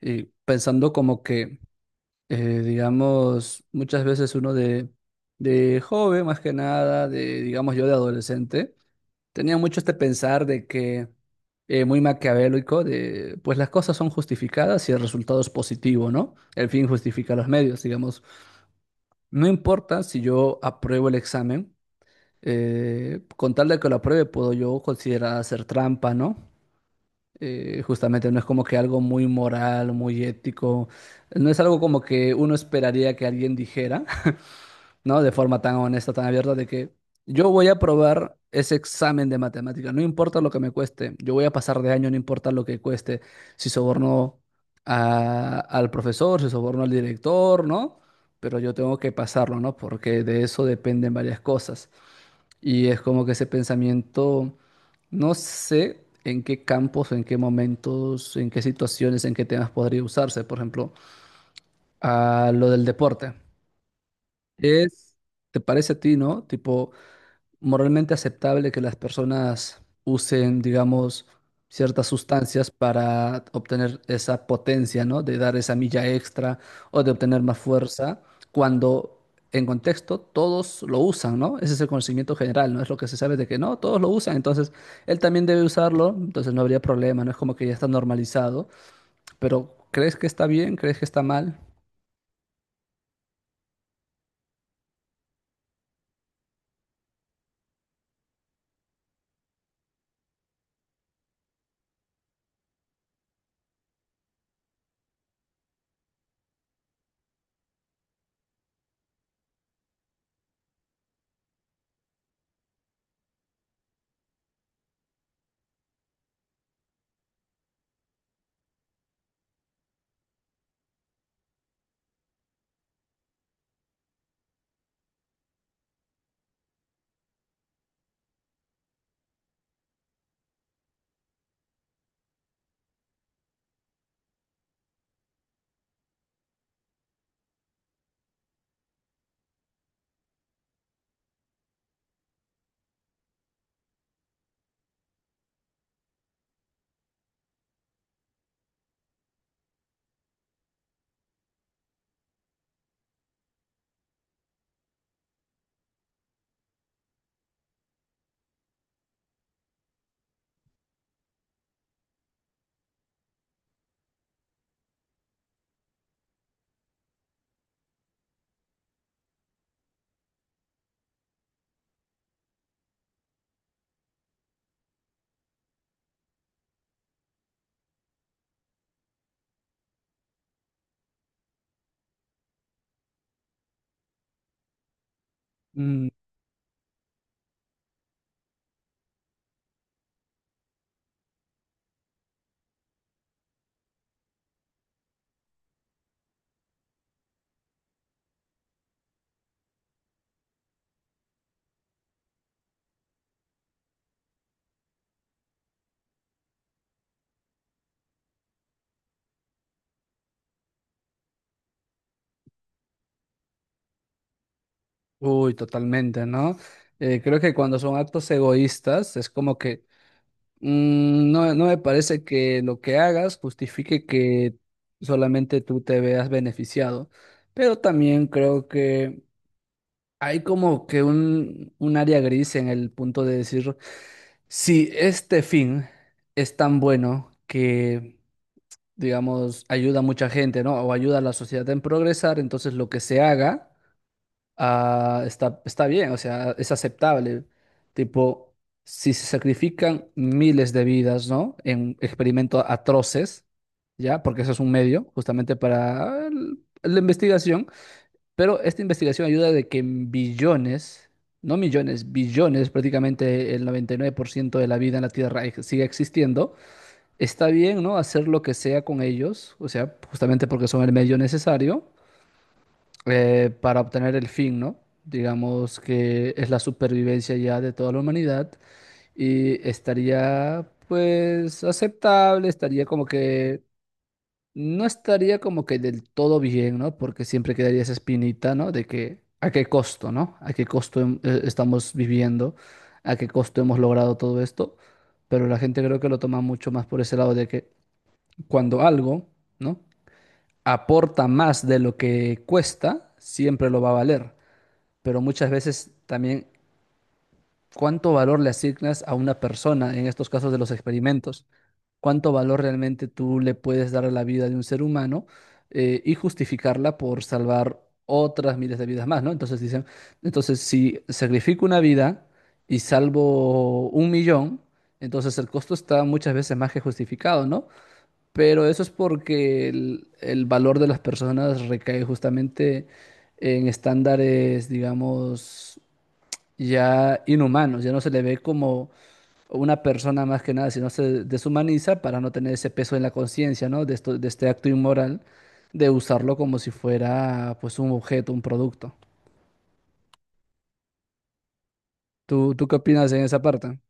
Y pensando como que, eh, digamos, muchas veces uno de joven, más que nada, de, digamos, yo de adolescente, tenía mucho este pensar de que, muy maquiavélico, de, pues las cosas son justificadas y el resultado es positivo, ¿no? El fin justifica los medios, digamos. No importa si yo apruebo el examen, con tal de que lo apruebe, puedo yo considerar hacer trampa, ¿no? Justamente no es como que algo muy moral, muy ético, no es algo como que uno esperaría que alguien dijera, ¿no? De forma tan honesta, tan abierta, de que yo voy a probar ese examen de matemática, no importa lo que me cueste, yo voy a pasar de año, no importa lo que cueste, si soborno al profesor, si soborno al director, ¿no? Pero yo tengo que pasarlo, ¿no? Porque de eso dependen varias cosas. Y es como que ese pensamiento, no sé en qué campos, en qué momentos, en qué situaciones, en qué temas podría usarse. Por ejemplo, a lo del deporte. Es, ¿te parece a ti, no? Tipo, moralmente aceptable que las personas usen, digamos, ciertas sustancias para obtener esa potencia, ¿no? De dar esa milla extra o de obtener más fuerza, cuando en contexto todos lo usan, ¿no? Ese es el conocimiento general, ¿no? Es lo que se sabe de que no, todos lo usan, entonces él también debe usarlo, entonces no habría problema, no es como que ya está normalizado, pero ¿crees que está bien? ¿Crees que está mal? Mm, uy, totalmente, ¿no? Creo que cuando son actos egoístas es como que no, no me parece que lo que hagas justifique que solamente tú te veas beneficiado, pero también creo que hay como que un área gris en el punto de decir, si este fin es tan bueno que, digamos, ayuda a mucha gente, ¿no? O ayuda a la sociedad en progresar, entonces lo que se haga está bien, o sea, es aceptable. Tipo, si se sacrifican miles de vidas, ¿no? En experimentos atroces, ¿ya? Porque eso es un medio justamente para la investigación, pero esta investigación ayuda de que en billones, no millones, billones, prácticamente el 99% de la vida en la Tierra sigue existiendo. Está bien, ¿no? Hacer lo que sea con ellos, o sea, justamente porque son el medio necesario para obtener el fin, ¿no? Digamos que es la supervivencia ya de toda la humanidad y estaría pues aceptable, estaría como que no estaría como que del todo bien, ¿no? Porque siempre quedaría esa espinita, ¿no? De que a qué costo, ¿no? A qué costo estamos viviendo, a qué costo hemos logrado todo esto, pero la gente creo que lo toma mucho más por ese lado de que cuando algo, ¿no? aporta más de lo que cuesta, siempre lo va a valer, pero muchas veces también cuánto valor le asignas a una persona en estos casos de los experimentos, cuánto valor realmente tú le puedes dar a la vida de un ser humano y justificarla por salvar otras miles de vidas más, ¿no? Entonces dicen, entonces si sacrifico una vida y salvo un millón, entonces el costo está muchas veces más que justificado, ¿no? Pero eso es porque el valor de las personas recae justamente en estándares, digamos, ya inhumanos, ya no se le ve como una persona más que nada, sino se deshumaniza para no tener ese peso en la conciencia, ¿no? De esto, de este acto inmoral, de usarlo como si fuera pues un objeto, un producto. ¿Tú qué opinas en esa parte?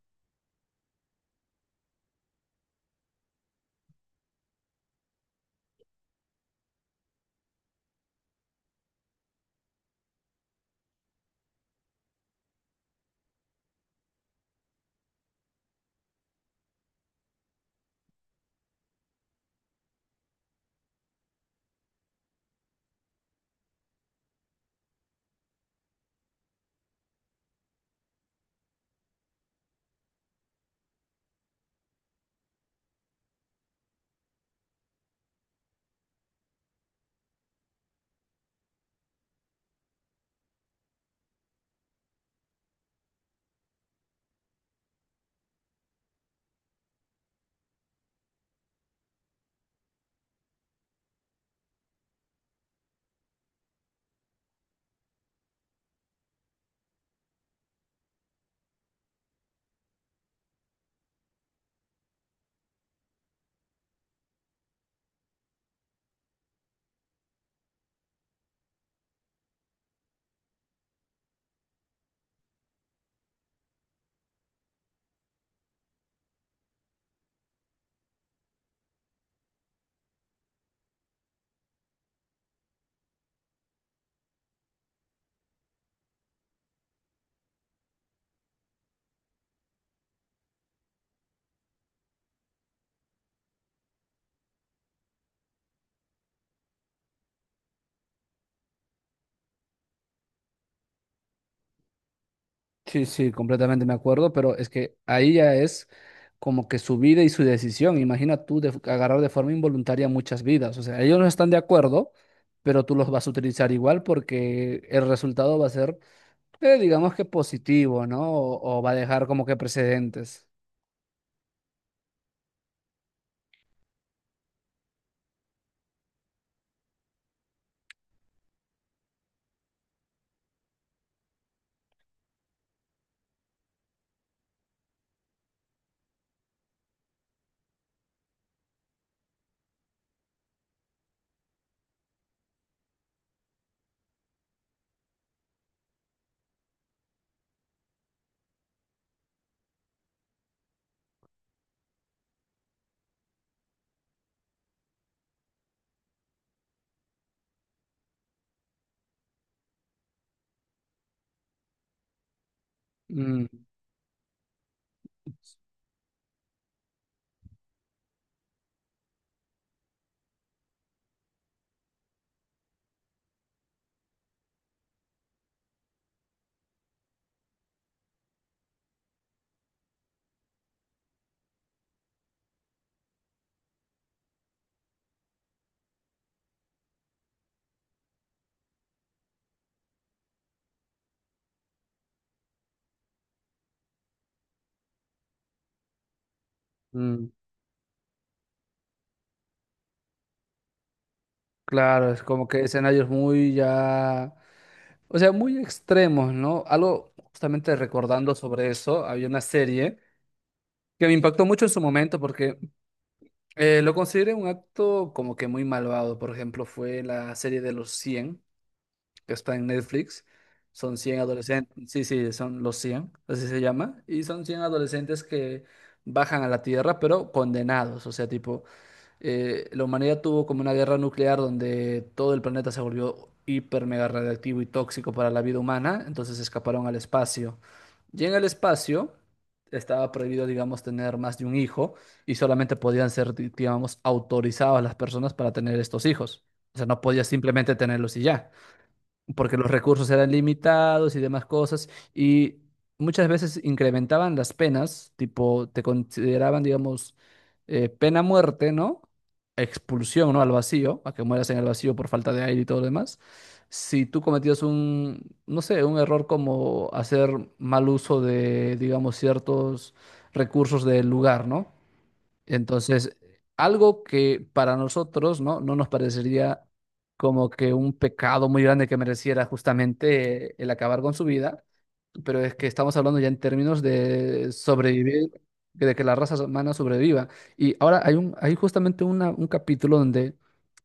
Sí, sí, completamente me acuerdo, pero es que ahí ya es como que su vida y su decisión. Imagina tú agarrar de forma involuntaria muchas vidas. O sea, ellos no están de acuerdo, pero tú los vas a utilizar igual porque el resultado va a ser, digamos, que positivo, ¿no? O va a dejar como que precedentes. Mm, mm, claro, es como que escenarios muy ya, o sea, muy extremos, ¿no? Algo justamente recordando sobre eso, había una serie que me impactó mucho en su momento porque lo consideré un acto como que muy malvado. Por ejemplo, fue la serie de los cien, que está en Netflix. Son 100 adolescentes, sí, sí, son los cien, así se llama. Y son 100 adolescentes que bajan a la Tierra, pero condenados. O sea, tipo, la humanidad tuvo como una guerra nuclear donde todo el planeta se volvió hiper mega radiactivo y tóxico para la vida humana. Entonces escaparon al espacio. Y en el espacio estaba prohibido, digamos, tener más de un hijo, y solamente podían ser, digamos, autorizadas las personas para tener estos hijos. O sea, no podías simplemente tenerlos y ya, porque los recursos eran limitados y demás cosas, y muchas veces incrementaban las penas, tipo, te consideraban, digamos, pena muerte, ¿no? Expulsión, ¿no? Al vacío, a que mueras en el vacío por falta de aire y todo lo demás. Si tú cometías un, no sé, un error como hacer mal uso de, digamos, ciertos recursos del lugar, ¿no? Entonces, algo que para nosotros, ¿no? No nos parecería como que un pecado muy grande que mereciera justamente el acabar con su vida, pero es que estamos hablando ya en términos de sobrevivir, de que la raza humana sobreviva. Y ahora hay un, hay justamente un capítulo donde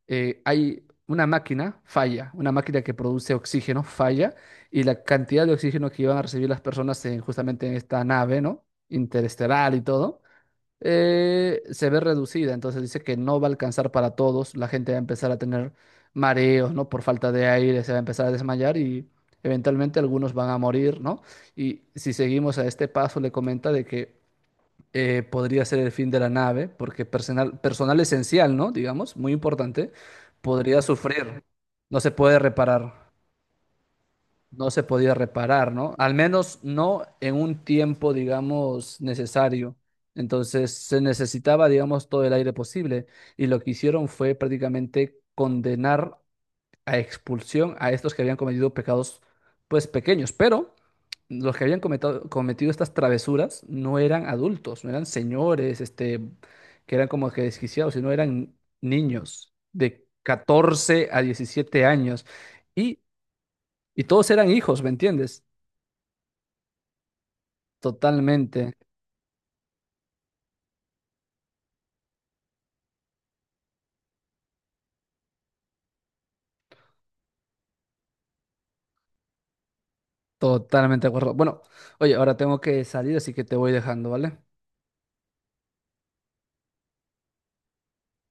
hay una máquina falla, una máquina que produce oxígeno falla, y la cantidad de oxígeno que iban a recibir las personas en, justamente en esta nave, ¿no? Interestelar y todo, se ve reducida, entonces dice que no va a alcanzar para todos, la gente va a empezar a tener mareos, ¿no? Por falta de aire, se va a empezar a desmayar y eventualmente algunos van a morir, ¿no? Y si seguimos a este paso, le comenta de que podría ser el fin de la nave, porque personal, personal esencial, ¿no? Digamos, muy importante, podría sufrir, no se puede reparar, no se podía reparar, ¿no? Al menos no en un tiempo, digamos, necesario. Entonces se necesitaba, digamos, todo el aire posible, y lo que hicieron fue prácticamente condenar a expulsión a estos que habían cometido pecados, pues pequeños, pero los que habían cometido estas travesuras no eran adultos, no eran señores, este, que eran como que desquiciados, sino eran niños de 14 a 17 años, y, y todos eran hijos, ¿me entiendes? Totalmente, totalmente de acuerdo. Bueno, oye, ahora tengo que salir, así que te voy dejando, ¿vale?